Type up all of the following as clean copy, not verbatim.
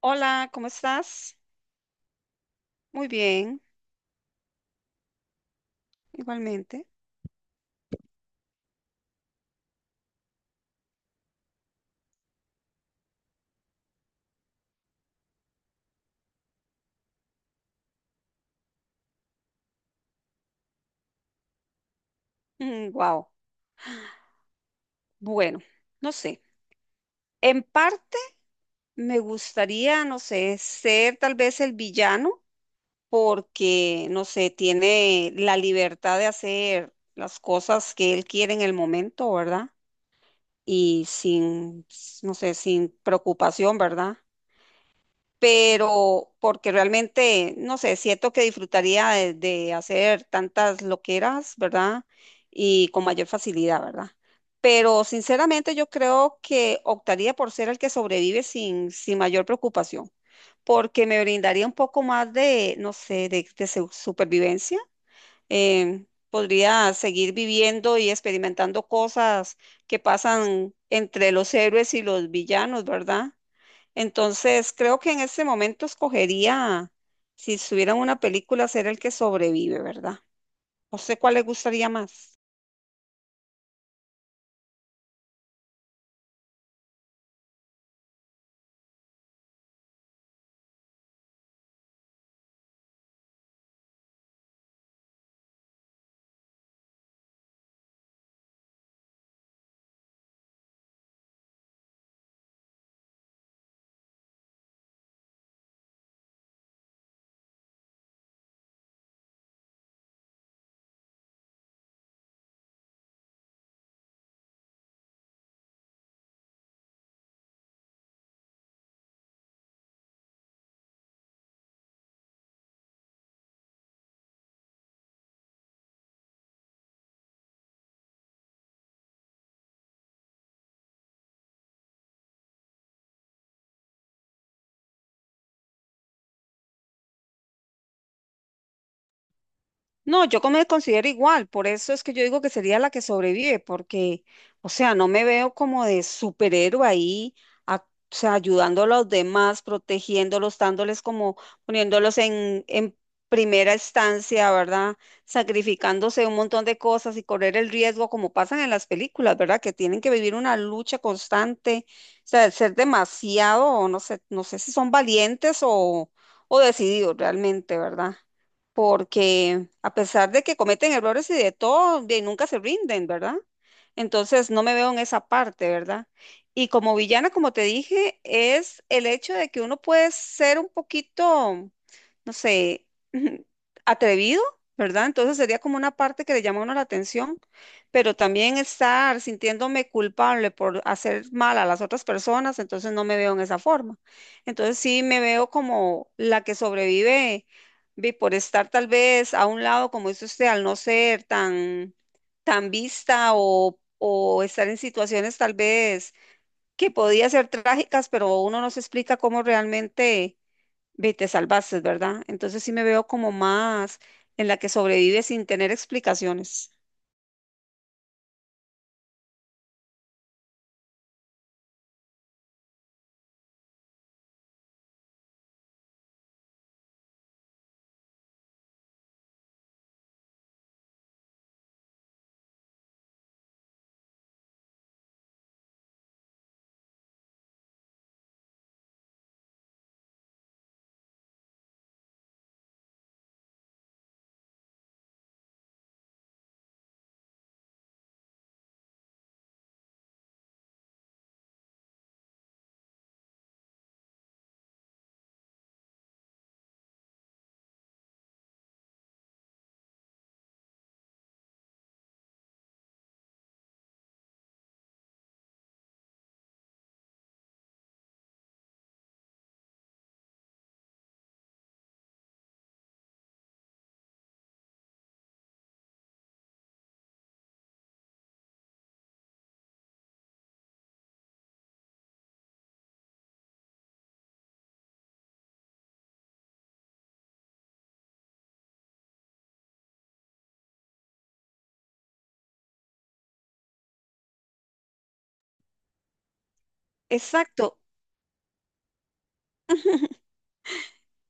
Hola, ¿cómo estás? Muy bien, igualmente. Wow. Bueno, no sé. En parte me gustaría, no sé, ser tal vez el villano porque, no sé, tiene la libertad de hacer las cosas que él quiere en el momento, ¿verdad? Y sin, no sé, sin preocupación, ¿verdad? Pero porque realmente, no sé, siento que disfrutaría de hacer tantas loqueras, ¿verdad? Y con mayor facilidad, ¿verdad? Pero sinceramente yo creo que optaría por ser el que sobrevive sin mayor preocupación, porque me brindaría un poco más de, no sé, de, de supervivencia. Podría seguir viviendo y experimentando cosas que pasan entre los héroes y los villanos, ¿verdad? Entonces, creo que en ese momento escogería, si estuvieran una película, ser el que sobrevive, ¿verdad? ¿A usted cuál le gustaría más? No, yo como me considero igual, por eso es que yo digo que sería la que sobrevive, porque, o sea, no me veo como de superhéroe ahí, o sea, ayudando a los demás, protegiéndolos, dándoles como, poniéndolos en primera instancia, ¿verdad? Sacrificándose un montón de cosas y correr el riesgo, como pasan en las películas, ¿verdad? Que tienen que vivir una lucha constante, o sea, ser demasiado, no sé, no sé si son valientes o decididos realmente, ¿verdad? Porque a pesar de que cometen errores y de todo, de nunca se rinden, ¿verdad? Entonces no me veo en esa parte, ¿verdad? Y como villana, como te dije, es el hecho de que uno puede ser un poquito, no sé, atrevido, ¿verdad? Entonces sería como una parte que le llama a uno la atención, pero también estar sintiéndome culpable por hacer mal a las otras personas, entonces no me veo en esa forma. Entonces sí me veo como la que sobrevive. Ve, por estar tal vez a un lado, como dice usted, al no ser tan vista o estar en situaciones tal vez que podía ser trágicas, pero uno no se explica cómo realmente ve, te salvaste, ¿verdad? Entonces sí me veo como más en la que sobrevive sin tener explicaciones. Exacto,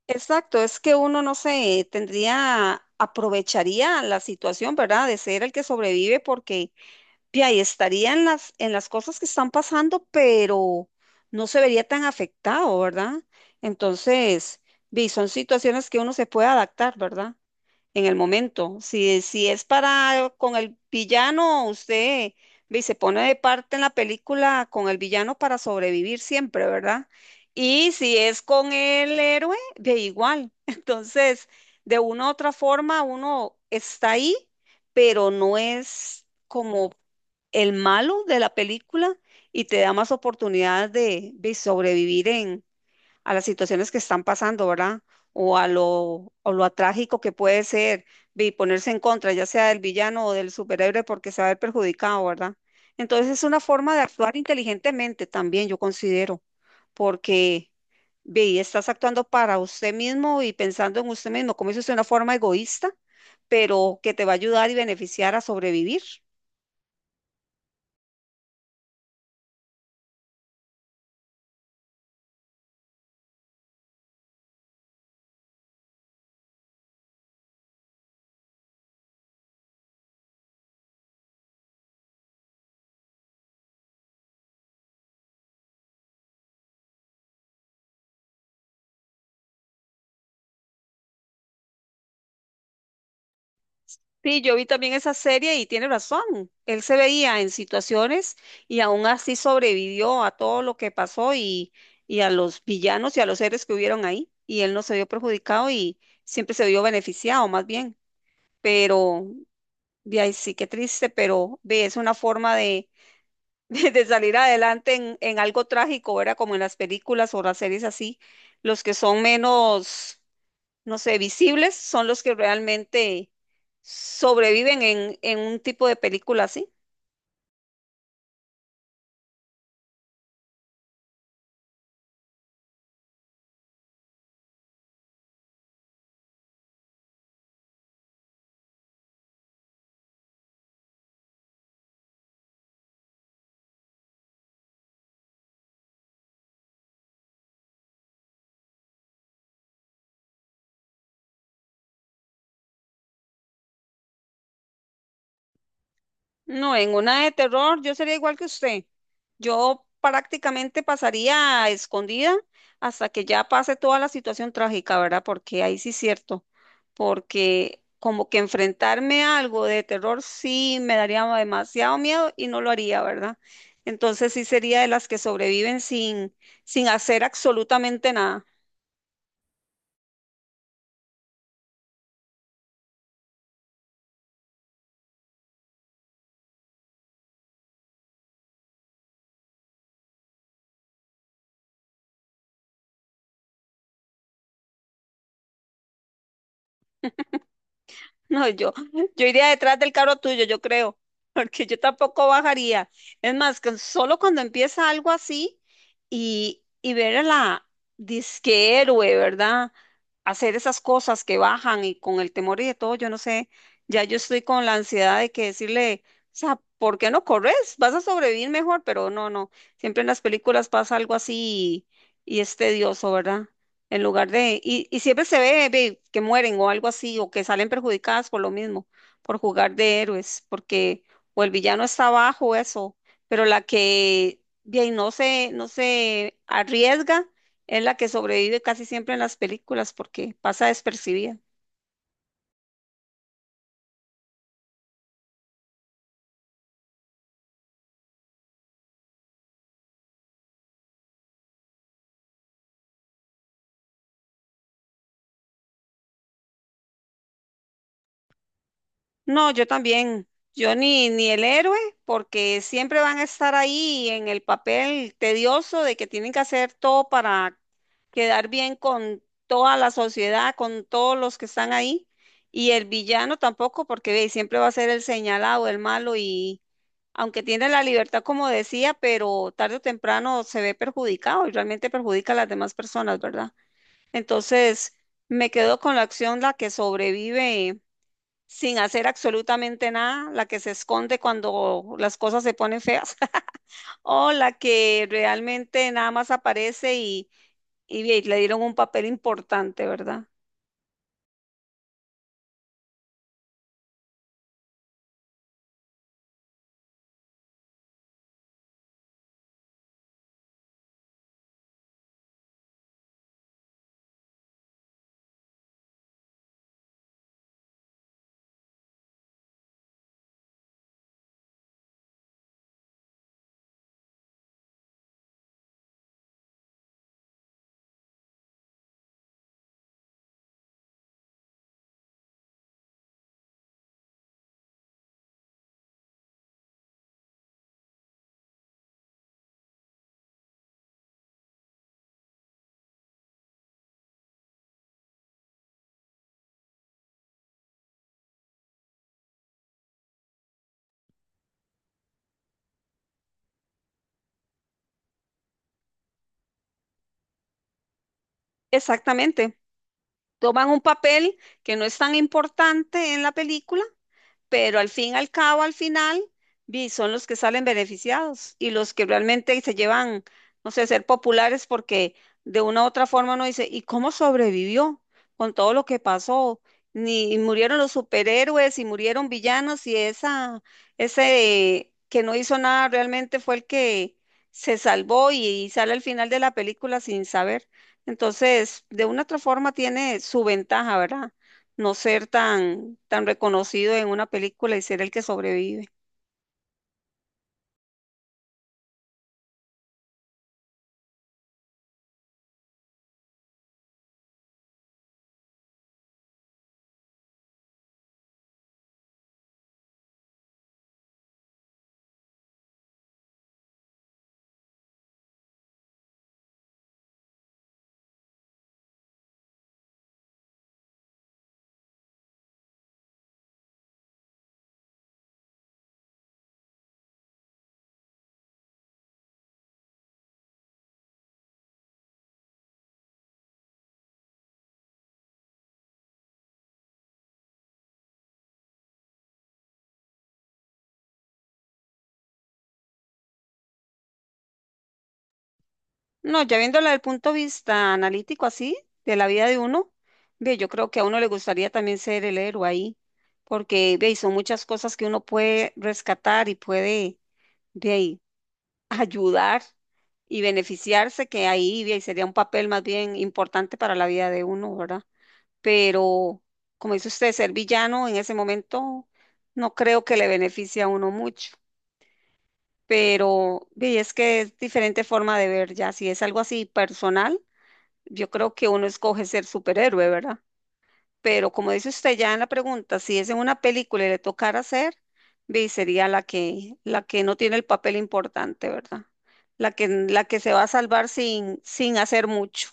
exacto. Es que uno, no sé, tendría, aprovecharía la situación, ¿verdad? De ser el que sobrevive porque y ahí estaría en las cosas que están pasando, pero no se vería tan afectado, ¿verdad? Entonces, vi, son situaciones que uno se puede adaptar, ¿verdad? En el momento. Si es para con el villano, usted ve, se pone de parte en la película con el villano para sobrevivir siempre, ¿verdad? Y si es con el héroe, de igual. Entonces, de una u otra forma, uno está ahí, pero no es como el malo de la película y te da más oportunidades de sobrevivir en a las situaciones que están pasando, ¿verdad? O a lo, o lo trágico que puede ser y ponerse en contra, ya sea del villano o del superhéroe, porque se va a ver perjudicado, ¿verdad? Entonces es una forma de actuar inteligentemente también, yo considero, porque ve, estás actuando para usted mismo y pensando en usted mismo, como dice usted, una forma egoísta, pero que te va a ayudar y beneficiar a sobrevivir. Sí, yo vi también esa serie y tiene razón. Él se veía en situaciones y aún así sobrevivió a todo lo que pasó y a los villanos y a los seres que hubieron ahí. Y él no se vio perjudicado y siempre se vio beneficiado, más bien. Pero, de ahí sí, qué triste, pero ve, es una forma de, de salir adelante en algo trágico, ¿verdad? Como en las películas o las series así, los que son menos, no sé, visibles son los que realmente sobreviven en un tipo de película así. No, en una de terror yo sería igual que usted. Yo prácticamente pasaría escondida hasta que ya pase toda la situación trágica, ¿verdad? Porque ahí sí es cierto, porque como que enfrentarme a algo de terror sí me daría demasiado miedo y no lo haría, ¿verdad? Entonces sí sería de las que sobreviven sin hacer absolutamente nada. No, yo iría detrás del carro tuyo, yo creo, porque yo tampoco bajaría. Es más, que solo cuando empieza algo así y ver a la disque héroe, ¿verdad? Hacer esas cosas que bajan y con el temor y de todo, yo no sé, ya yo estoy con la ansiedad de que decirle, o sea, ¿por qué no corres? Vas a sobrevivir mejor, pero no, no, siempre en las películas pasa algo así y es tedioso, ¿verdad? En lugar de, y siempre se ve, ve que mueren o algo así, o que salen perjudicadas por lo mismo, por jugar de héroes, porque o el villano está abajo, eso, pero la que bien no se, no se arriesga es la que sobrevive casi siempre en las películas porque pasa despercibida. No, yo también. Yo ni, ni el héroe, porque siempre van a estar ahí en el papel tedioso de que tienen que hacer todo para quedar bien con toda la sociedad, con todos los que están ahí. Y el villano tampoco, porque ve, siempre va a ser el señalado, el malo, y aunque tiene la libertad, como decía, pero tarde o temprano se ve perjudicado y realmente perjudica a las demás personas, ¿verdad? Entonces, me quedo con la acción, la que sobrevive sin hacer absolutamente nada, la que se esconde cuando las cosas se ponen feas, o la que realmente nada más aparece y ve, le dieron un papel importante, ¿verdad? Exactamente. Toman un papel que no es tan importante en la película, pero al fin y al cabo, al final, vi, son los que salen beneficiados y los que realmente se llevan, no sé, ser populares porque de una u otra forma uno dice, ¿y cómo sobrevivió con todo lo que pasó? Ni y murieron los superhéroes y murieron villanos y esa, ese que no hizo nada realmente fue el que se salvó y sale al final de la película sin saber. Entonces, de una u otra forma tiene su ventaja, ¿verdad? No ser tan reconocido en una película y ser el que sobrevive. No, ya viéndola desde el punto de vista analítico así, de la vida de uno, ve, yo creo que a uno le gustaría también ser el héroe ahí, porque ve, son muchas cosas que uno puede rescatar y puede ve, ahí, ayudar y beneficiarse, que ahí ve, ahí sería un papel más bien importante para la vida de uno, ¿verdad? Pero, como dice usted, ser villano en ese momento no creo que le beneficie a uno mucho. Pero ve, es que es diferente forma de ver ya. Si es algo así personal, yo creo que uno escoge ser superhéroe, ¿verdad? Pero como dice usted ya en la pregunta, si es en una película y le tocara ser, ve, sería la que no tiene el papel importante, ¿verdad? La que se va a salvar sin hacer mucho.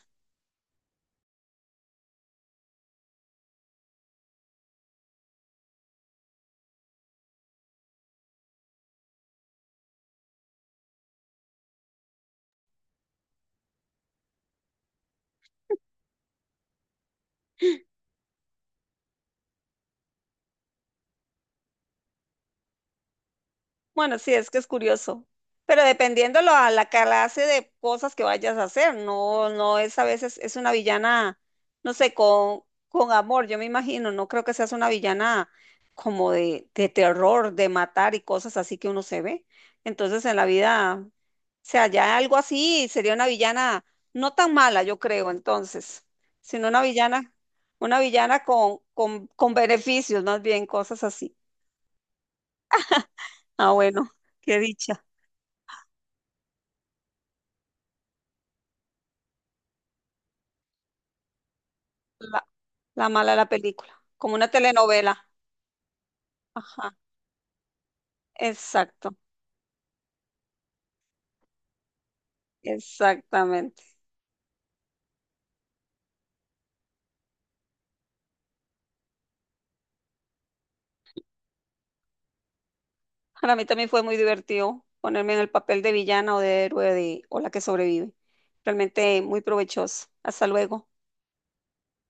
Bueno, sí, es que es curioso. Pero dependiendo lo, a la clase de cosas que vayas a hacer, no, no es a veces, es una villana, no sé, con amor, yo me imagino, no creo que seas una villana como de terror, de matar y cosas así que uno se ve. Entonces en la vida, o sea, ya algo así sería una villana no tan mala, yo creo, entonces, sino una villana con beneficios, más bien, cosas así. Ah, bueno, qué dicha. La, la mala de la película, como una telenovela. Ajá, exacto, exactamente. Para mí también fue muy divertido ponerme en el papel de villana o de héroe de- o la que sobrevive. Realmente muy provechoso. Hasta luego.